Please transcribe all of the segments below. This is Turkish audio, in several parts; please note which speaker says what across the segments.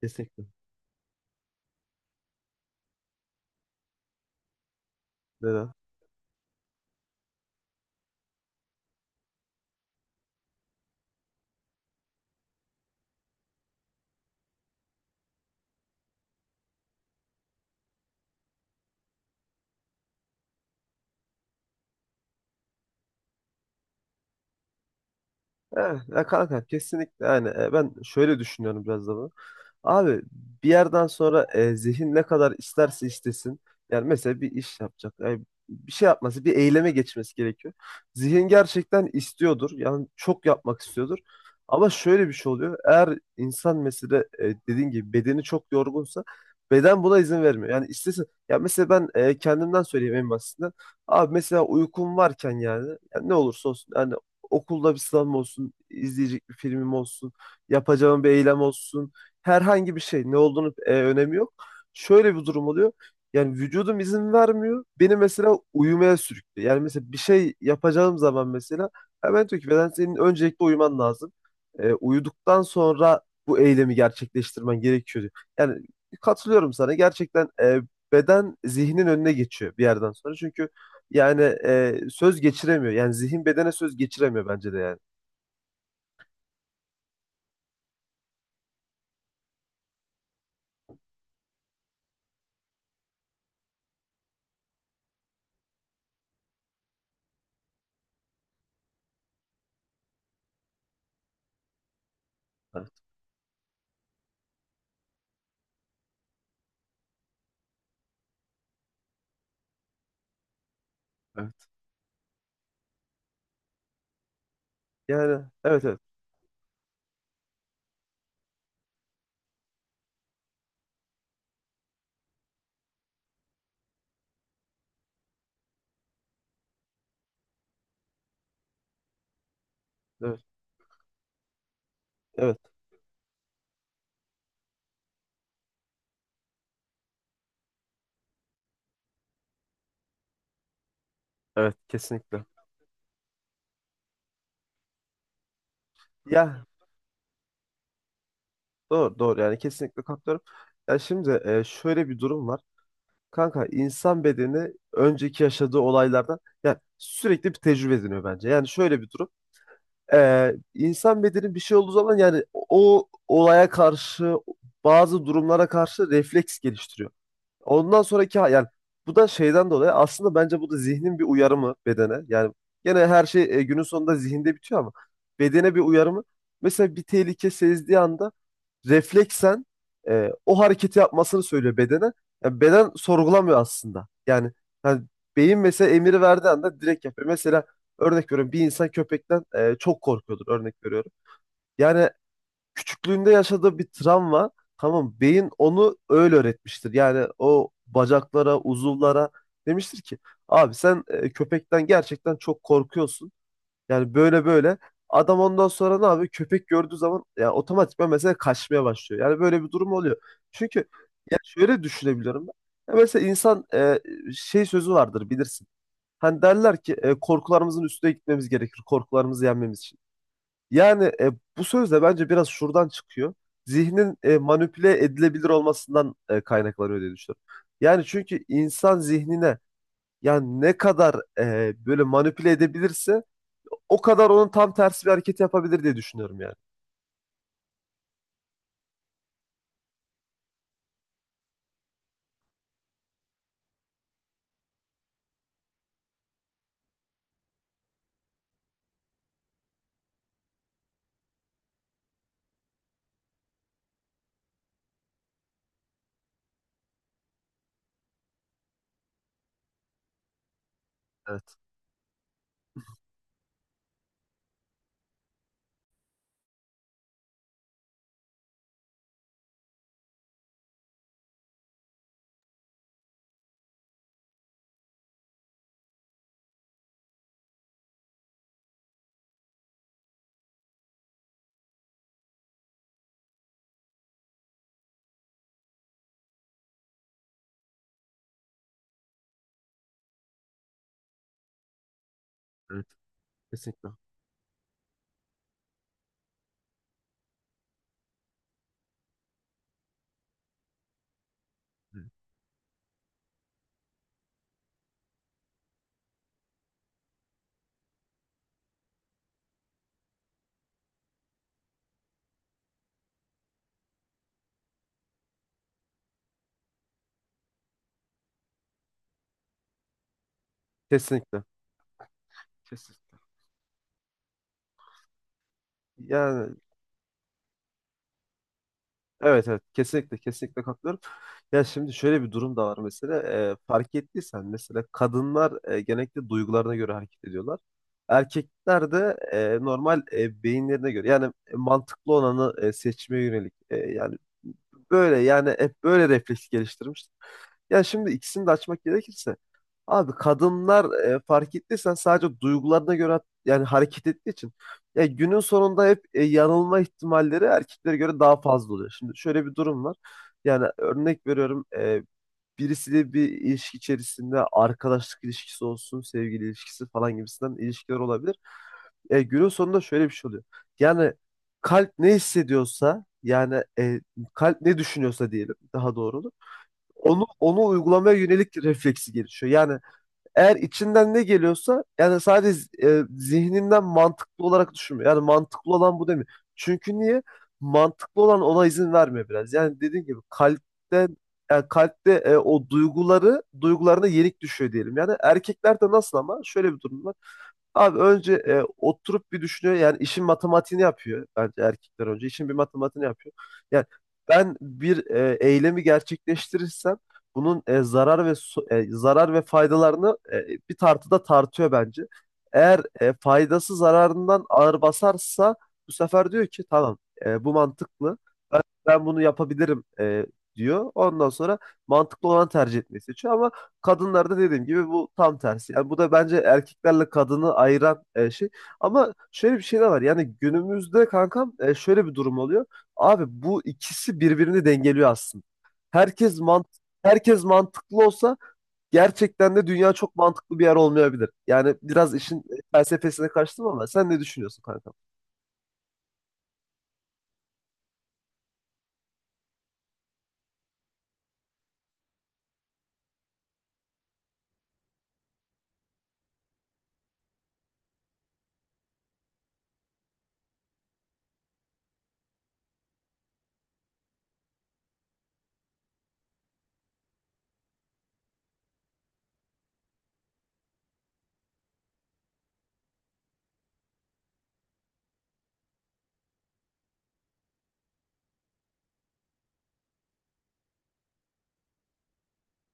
Speaker 1: Kesinlikle. Neden? Evet, ya kanka kesinlikle yani ben şöyle düşünüyorum biraz da bunu. Abi bir yerden sonra zihin ne kadar isterse istesin. Yani mesela bir iş yapacak. Yani bir şey yapması, bir eyleme geçmesi gerekiyor. Zihin gerçekten istiyordur. Yani çok yapmak istiyordur. Ama şöyle bir şey oluyor. Eğer insan mesela dediğin gibi bedeni çok yorgunsa beden buna izin vermiyor. Yani istesin. Ya mesela ben kendimden söyleyeyim en basitinden. Abi mesela uykum varken yani, yani ne olursa olsun yani okulda bir sınavım olsun, izleyecek bir filmim olsun, yapacağım bir eylem olsun herhangi bir şey ne olduğunu önemi yok. Şöyle bir durum oluyor. Yani vücudum izin vermiyor. Beni mesela uyumaya sürüklüyor. Yani mesela bir şey yapacağım zaman mesela hemen diyor ki beden senin öncelikle uyuman lazım. Uyuduktan sonra bu eylemi gerçekleştirmen gerekiyor diyor. Yani katılıyorum sana. Gerçekten beden zihnin önüne geçiyor bir yerden sonra. Çünkü yani söz geçiremiyor. Yani zihin bedene söz geçiremiyor bence de yani. Evet, evet. Yani evet, evet, evet, evet, evet, kesinlikle. Ya doğru, doğru yani kesinlikle katılıyorum. Ya şimdi şöyle bir durum var. Kanka insan bedeni önceki yaşadığı olaylardan yani sürekli bir tecrübe ediniyor bence. Yani şöyle bir durum. İnsan bedeni bir şey olduğu zaman yani o olaya karşı bazı durumlara karşı refleks geliştiriyor. Ondan sonraki yani bu da şeyden dolayı aslında bence bu da zihnin bir uyarımı bedene. Yani gene her şey günün sonunda zihinde bitiyor ama bedene bir uyarımı. Mesela bir tehlike sezdiği anda refleksen o hareketi yapmasını söylüyor bedene. Yani beden sorgulamıyor aslında. Yani, yani beyin mesela emiri verdiği anda direkt yapıyor. Mesela örnek veriyorum bir insan köpekten çok korkuyordur örnek veriyorum. Yani küçüklüğünde yaşadığı bir travma tamam beyin onu öyle öğretmiştir. Yani o bacaklara, uzuvlara demiştir ki abi sen köpekten gerçekten çok korkuyorsun. Yani böyle böyle adam ondan sonra ne yapıyor? Köpek gördüğü zaman ya otomatikman mesela kaçmaya başlıyor. Yani böyle bir durum oluyor. Çünkü ya şöyle düşünebiliyorum ben. Ya mesela insan şey sözü vardır bilirsin. Hani derler ki korkularımızın üstüne gitmemiz gerekir. Korkularımızı yenmemiz için. Yani bu söz de bence biraz şuradan çıkıyor. Zihnin manipüle edilebilir olmasından kaynaklanıyor diye düşünüyorum. Yani çünkü insan zihnine yani ne kadar böyle manipüle edebilirse o kadar onun tam tersi bir hareket yapabilir diye düşünüyorum yani. Evet, evet, kesinlikle. Evet. Kesinlikle. Kesinlikle. Yani evet, evet, kesinlikle, kesinlikle katılıyorum. Ya şimdi şöyle bir durum da var mesela. Fark ettiysen mesela kadınlar genellikle duygularına göre hareket ediyorlar. Erkekler de normal beyinlerine göre yani mantıklı olanı seçmeye yönelik. Yani böyle yani hep böyle refleks geliştirmiş. Ya şimdi ikisini de açmak gerekirse abi kadınlar fark ettiysen sadece duygularına göre yani hareket ettiği için ya günün sonunda hep yanılma ihtimalleri erkeklere göre daha fazla oluyor. Şimdi şöyle bir durum var. Yani örnek veriyorum birisiyle bir ilişki içerisinde arkadaşlık ilişkisi olsun, sevgili ilişkisi falan gibisinden ilişkiler olabilir. Günün sonunda şöyle bir şey oluyor. Yani kalp ne hissediyorsa yani kalp ne düşünüyorsa diyelim daha doğru olur. Onu uygulamaya yönelik refleksi gelişiyor. Yani eğer içinden ne geliyorsa yani sadece zihninden mantıklı olarak düşünme. Yani mantıklı olan bu demiyor. Çünkü niye? Mantıklı olan ona izin vermiyor biraz. Yani dediğim gibi kalpte yani kalpte o duyguları duygularına yenik düşüyor diyelim. Yani erkeklerde nasıl ama şöyle bir durum var. Abi önce oturup bir düşünüyor. Yani işin matematiğini yapıyor bence erkekler önce. İşin bir matematiğini yapıyor. Yani ben bir eylemi gerçekleştirirsem bunun zarar ve faydalarını bir tartıda tartıyor bence. Eğer faydası zararından ağır basarsa bu sefer diyor ki tamam bu mantıklı ben bunu yapabilirim diyor. Ondan sonra mantıklı olan tercih etmeyi seçiyor ama kadınlarda dediğim gibi bu tam tersi. Yani bu da bence erkeklerle kadını ayıran şey. Ama şöyle bir şey de var. Yani günümüzde kankam şöyle bir durum oluyor. Abi bu ikisi birbirini dengeliyor aslında. Herkes mant herkes mantıklı olsa gerçekten de dünya çok mantıklı bir yer olmayabilir. Yani biraz işin felsefesine kaçtım ama sen ne düşünüyorsun kankam?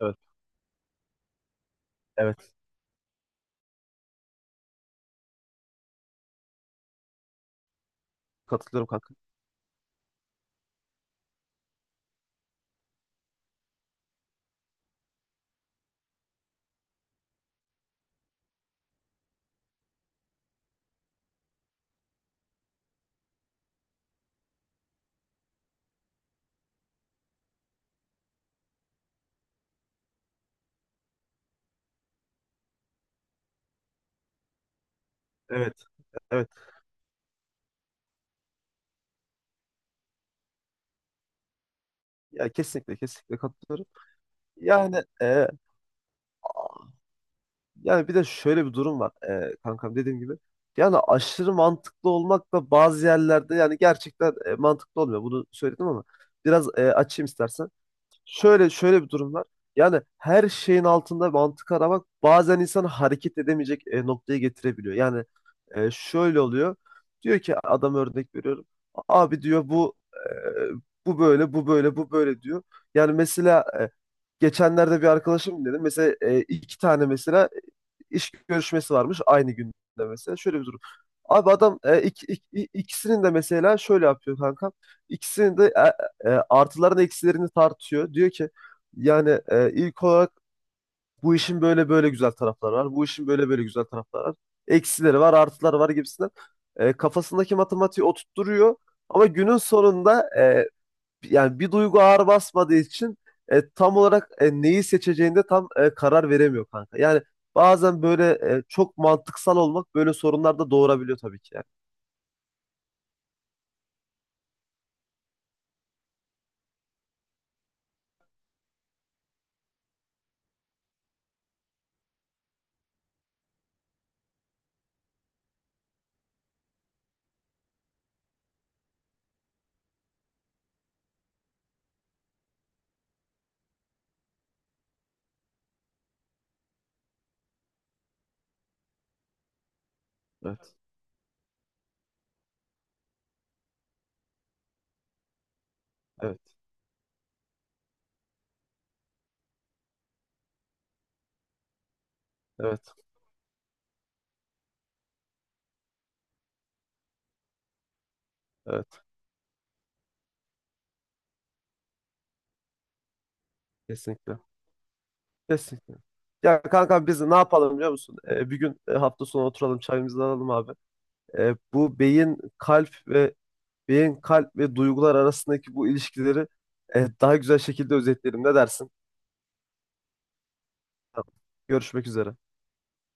Speaker 1: Evet, evet. Katılıyorum kanka. Evet, evet. Ya kesinlikle, kesinlikle katılıyorum. Yani yani bir de şöyle bir durum var kankam dediğim gibi. Yani aşırı mantıklı olmak da bazı yerlerde yani gerçekten mantıklı olmuyor. Bunu söyledim ama biraz açayım istersen. Şöyle bir durum var. Yani her şeyin altında mantık aramak bazen insanı hareket edemeyecek noktaya getirebiliyor. Yani şöyle oluyor. Diyor ki adam örnek veriyorum. Abi diyor bu bu böyle bu böyle bu böyle diyor. Yani mesela geçenlerde bir arkadaşım dedi. Mesela iki tane mesela iş görüşmesi varmış aynı günde mesela. Şöyle bir durum. Abi adam ikisinin de mesela şöyle yapıyor kanka. İkisinin de artılarını eksilerini tartıyor. Diyor ki yani ilk olarak bu işin böyle böyle güzel tarafları var. Bu işin böyle böyle güzel tarafları var. Eksileri var, artıları var gibisinden. Kafasındaki matematiği oturtturuyor. Ama günün sonunda yani bir duygu ağır basmadığı için tam olarak neyi seçeceğinde tam karar veremiyor kanka. Yani bazen böyle çok mantıksal olmak böyle sorunlar da doğurabiliyor tabii ki yani. Evet, evet, evet, evet. Kesinlikle, kesinlikle. Ya kanka biz ne yapalım biliyor musun? Bir gün hafta sonu oturalım çayımızı alalım abi. Bu beyin, kalp ve beyin, kalp ve duygular arasındaki bu ilişkileri daha güzel şekilde özetleyelim. Ne dersin? Tamam. Görüşmek üzere.